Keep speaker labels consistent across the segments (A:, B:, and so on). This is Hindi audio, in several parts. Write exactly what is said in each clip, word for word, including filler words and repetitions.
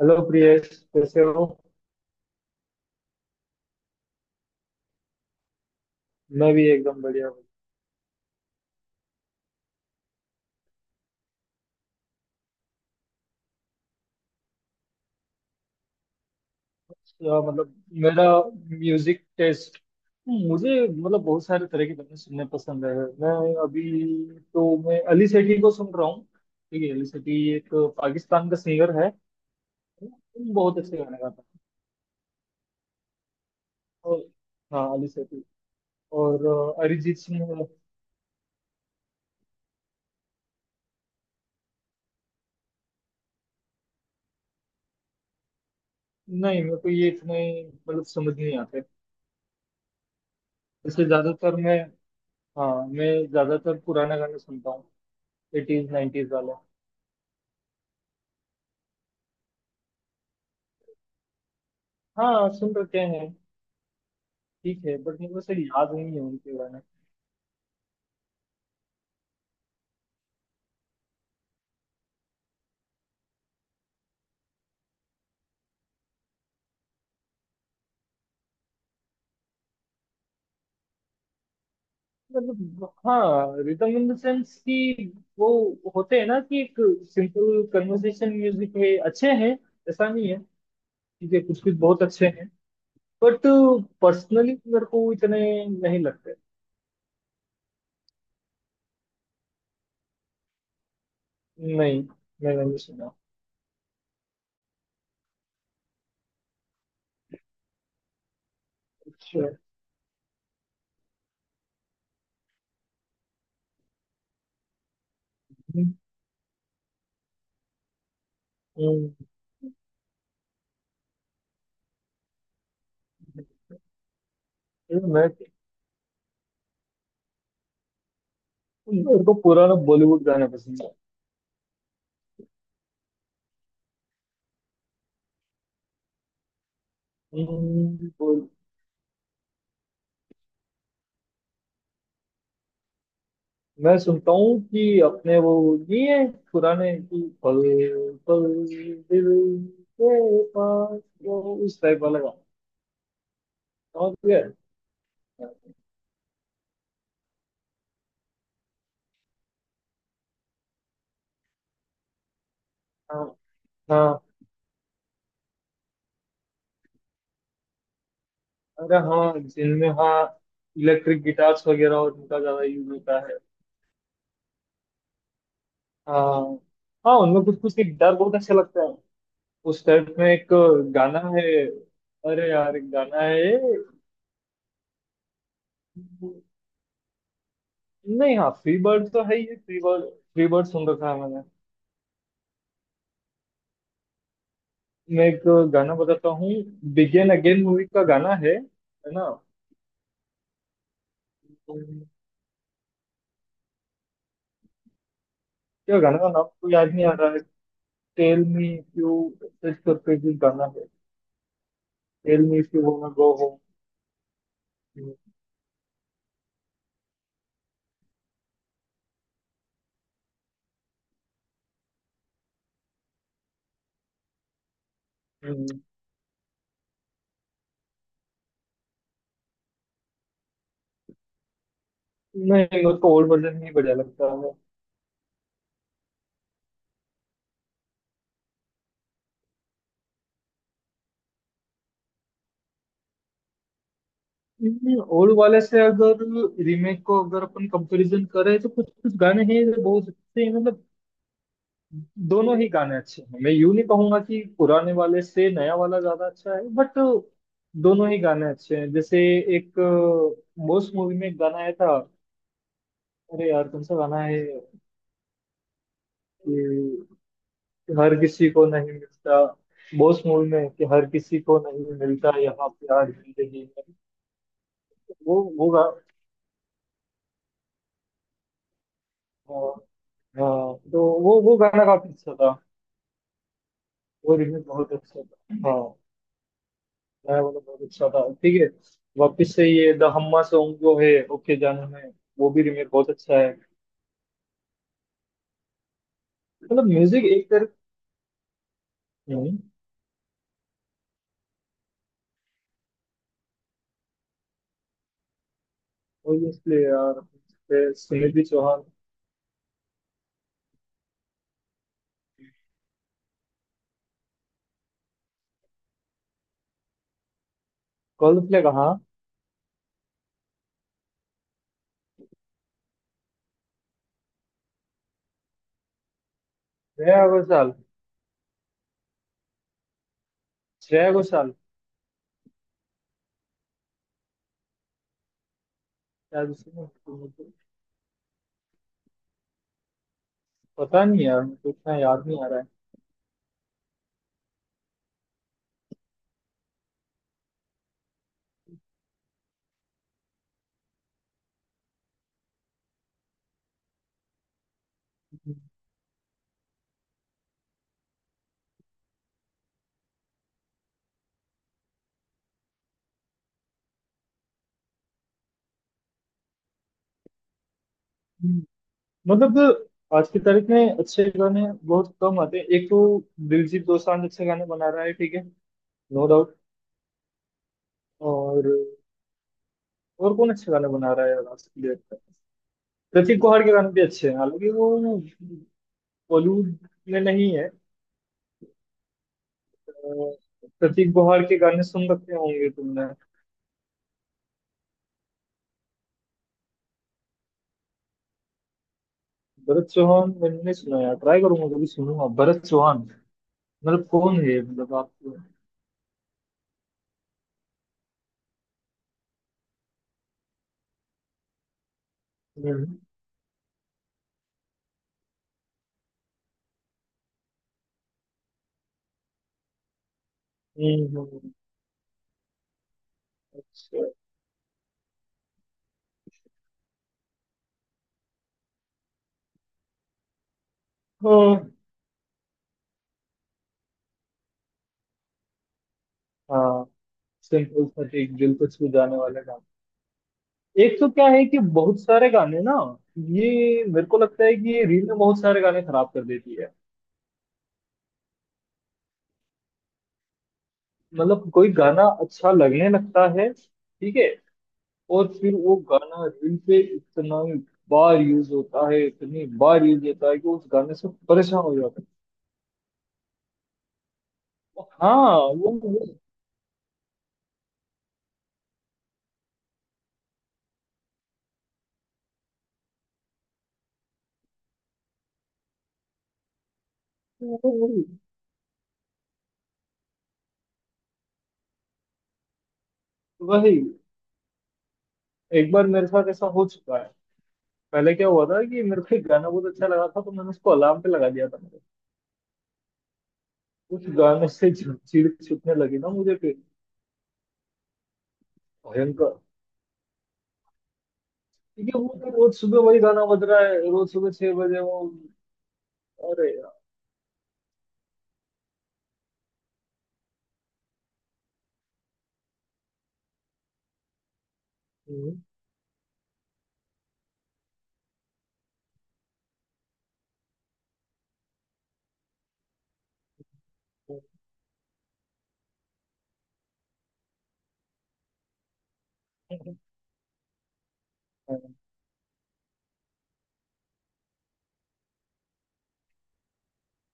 A: हेलो प्रियेश, कैसे हो? मैं भी एकदम बढ़िया हूँ। अ, मतलब मेरा म्यूजिक टेस्ट, मुझे मतलब बहुत सारे तरह की गाने सुनने पसंद है। मैं अभी तो मैं अली सेठी को सुन रहा हूँ। ठीक है, अली सेठी एक पाकिस्तान का सिंगर है, बहुत अच्छे गाने गाता है। और हाँ, अली सेठी और अ, अरिजीत सिंह है। नहीं, मेरे को ये इतने मतलब समझ नहीं आते। वैसे ज्यादातर मैं हाँ, मैं ज्यादातर पुराना गाने सुनता हूँ, एटीज नाइनटीज वाले। हाँ सुन रखे हैं। ठीक है बट मेरे को सही याद नहीं है उनके बारे में। मतलब हाँ, रिदम इन द सेंस कि वो होते हैं ना कि एक सिंपल कन्वर्सेशन म्यूजिक है, अच्छे हैं, ऐसा नहीं है। ठीक है, कुछ कुछ बहुत अच्छे हैं बट पर्सनली मेरे को इतने नहीं लगते। नहीं, मैंने नहीं सुना। अच्छा। हम्म, मैं मेरे को पुराना बॉलीवुड गाना पसंद है। हम्म, मैं सुनता हूँ कि अपने वो नहीं है, पुराने कि पल पल दिल के पास, वो उस टाइप वाला गाना। समझ गए। हाँ हाँ। अरे हाँ, जिनमें हाँ इलेक्ट्रिक गिटार्स वगैरह और उनका ज्यादा यूज होता है। हाँ हाँ, उनमें कुछ कुछ के गिटार बहुत अच्छा लगता है। उस टाइप में एक गाना है, अरे यार एक गाना है। नहीं हाँ, फ्री बर्ड तो है ही। फ्री बर्ड, फ्री बर्ड सुन रखा है। मैं एक गाना बताता हूँ। बिगेन अगेन मूवी का गाना है है ना? क्या? गाना का नाम तो याद नहीं आ रहा है। Tell me if you search करके भी गाना है। Tell me if you wanna go home. नहीं, उसको ओल्ड वर्जन ही बढ़िया लगता है। ओल्ड वाले से अगर रीमेक को अगर अपन कंपैरिजन करें तो कुछ कुछ गाने हैं जो बहुत अच्छे हैं। मतलब दोनों ही गाने अच्छे हैं, मैं यूं नहीं कहूंगा कि पुराने वाले से नया वाला ज्यादा अच्छा है बट दोनों ही गाने अच्छे हैं। जैसे एक मोस्ट मूवी में एक गाना आया था, अरे यार कौन सा गाना है कि हर किसी को नहीं मिलता। बॉस मूवी में कि हर किसी को नहीं मिलता यहाँ प्यार जिंदगी में। वो वो गा हाँ। हाँ, तो वो वो गाना काफी अच्छा था। वो रिमिक्स बहुत अच्छा था। हाँ, मैं बोला बहुत अच्छा था, ठीक है। वापस से ये द हम्मा सॉन्ग जो है ओके जानू में, वो भी रिमेक बहुत अच्छा है। मतलब म्यूजिक एक तरह। ऑब्वियसली यार, फिर सुनिधि चौहान। कोल्डप्ले कहाँ? श्रेया घोषाल। श्रेया घोषाल। शायद उसी में। मुझे पता नहीं यार, मुझे इतना याद नहीं आ रहा है। मतलब आज की तारीख में अच्छे गाने बहुत कम आते हैं। एक तो दिलजीत दोसांझ अच्छे गाने बना रहा है, ठीक है, नो डाउट। और और कौन अच्छे गाने बना रहा है यार आज की डेट? प्रतीक गौहर के गाने भी अच्छे हैं, हालांकि वो बॉलीवुड में नहीं है। अ, प्रतीक गौहर के गाने सुन रखे होंगे तुमने। भरत चौहान मैंने नहीं सुना यार, ट्राई करूंगा, कभी सुनूंगा। भरत चौहान मतलब कौन है ये? मतलब आप। हम्म, हम्म, हम्म। अच्छा। हाँ हाँ, सिंपल सा एक दिल को छू जाने वाला गाना। एक तो क्या है कि बहुत सारे गाने ना, ये मेरे को लगता है कि ये रील में बहुत सारे गाने खराब कर देती है। मतलब कोई गाना अच्छा लगने लगता है, ठीक है, और फिर वो गाना रील पे इतना बार यूज होता है, इतनी बार यूज होता है कि उस गाने से परेशान हो जाता है। हाँ वो वो- वो- वही, एक बार मेरे साथ ऐसा हो चुका है। पहले क्या हुआ था कि मेरे को एक गाना बहुत अच्छा लगा था तो मैंने उसको अलार्म पे लगा दिया था मेरे। उस गाने से जो चीड़ छूटने लगी ना मुझे, फिर भयंकर। क्योंकि वो तो रोज सुबह वही गाना बज रहा है, रोज सुबह छह बजे वो। अरे यार! हम्म।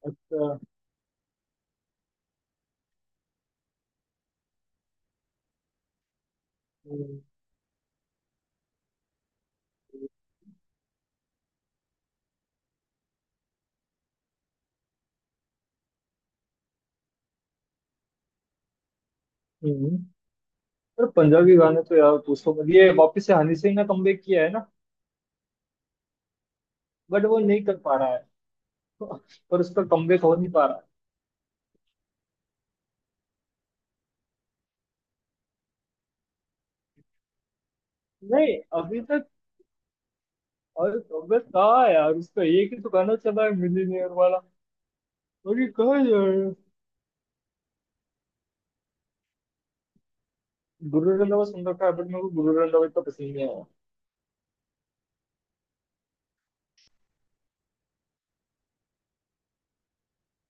A: अच्छा। हम्म, हम्म। और पंजाबी गाने तो यार पूछो मत, ये वापस से हनी सिंह ने कमबैक किया है ना बट वो नहीं कर पा रहा है। पर उसका कमबैक हो नहीं पा रहा है। नहीं अभी तक। और कमबैक कहाँ है यार, उसका एक ही तो गाना चला है, मिलीनियर वाला। बाकी कहाँ है यार। गुरु रंधावा सुन रखा है बट मेरे को गुरु रंधावा इतना पसंद नहीं आया।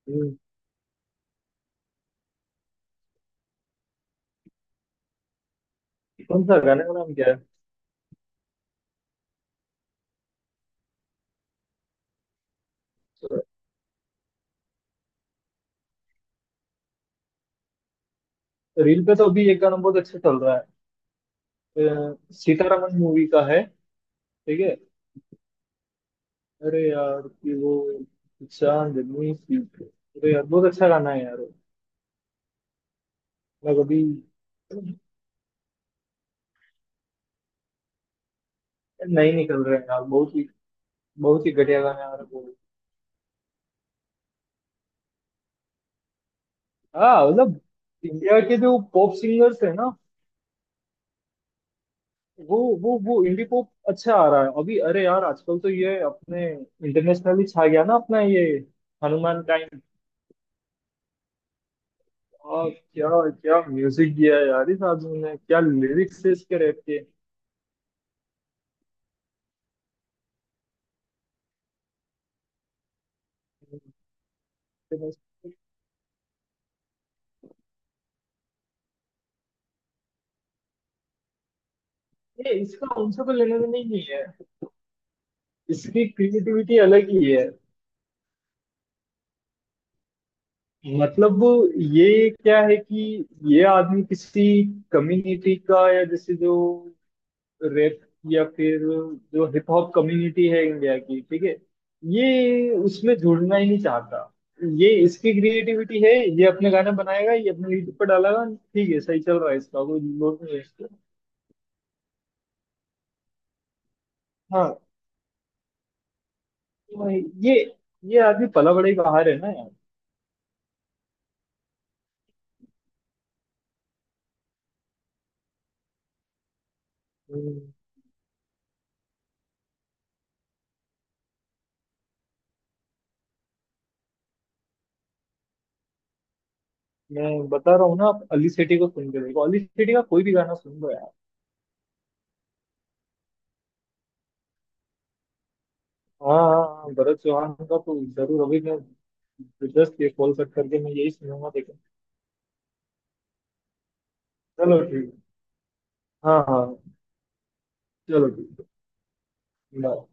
A: हम्म, कौन सा? गाने का नाम क्या है? रील पे तो अभी एक गाना बहुत अच्छा चल रहा है, सीतारामन मूवी का है, ठीक है, अरे यार कि वो चांदनी सी। अरे यार, बहुत अच्छा गाना है यार वो। मैं कभी नहीं निकल रहे हैं यार, बहुत ही बहुत ही घटिया गाने आ रहे हैं वो। हाँ मतलब इंडिया के जो पॉप सिंगर्स है ना, वो वो वो इंडी पॉप अच्छा आ रहा है अभी। अरे यार आजकल तो ये अपने इंटरनेशनली छा गया ना, अपना ये हनुमान काइंड। और क्या क्या म्यूजिक दिया है यार इस आदमी ने, क्या लिरिक्स है इसके रैप के! ये इसका उनसे कोई लेना देना ही नहीं है। इसकी क्रिएटिविटी अलग ही है। मतलब वो ये क्या है कि ये आदमी किसी कम्युनिटी का या जैसे जो रैप या फिर जो हिप हॉप कम्युनिटी है इंडिया की, ठीक है, ये उसमें जुड़ना ही नहीं चाहता। ये इसकी क्रिएटिविटी है, ये अपने गाना बनाएगा, ये अपने यूट्यूब पर डालेगा, ठीक है, सही चल रहा है, इसका कोई लोड नहीं है इसको। हाँ। तो ये ये आदमी पला बड़ा ही बाहर है ना यार। हम्म, मैं बता रहा हूँ ना, आप अली सेठी को सुन के देखो, अली सेठी का कोई भी गाना सुन लो यार। हाँ हाँ हाँ, भरत चौहान का तो जरूर। अभी मैं रिक्वेस्ट, ये कॉल कट करके मैं यही सुनूंगा देखो। चलो ठीक है। हाँ हाँ, चलो ठीक है बाय।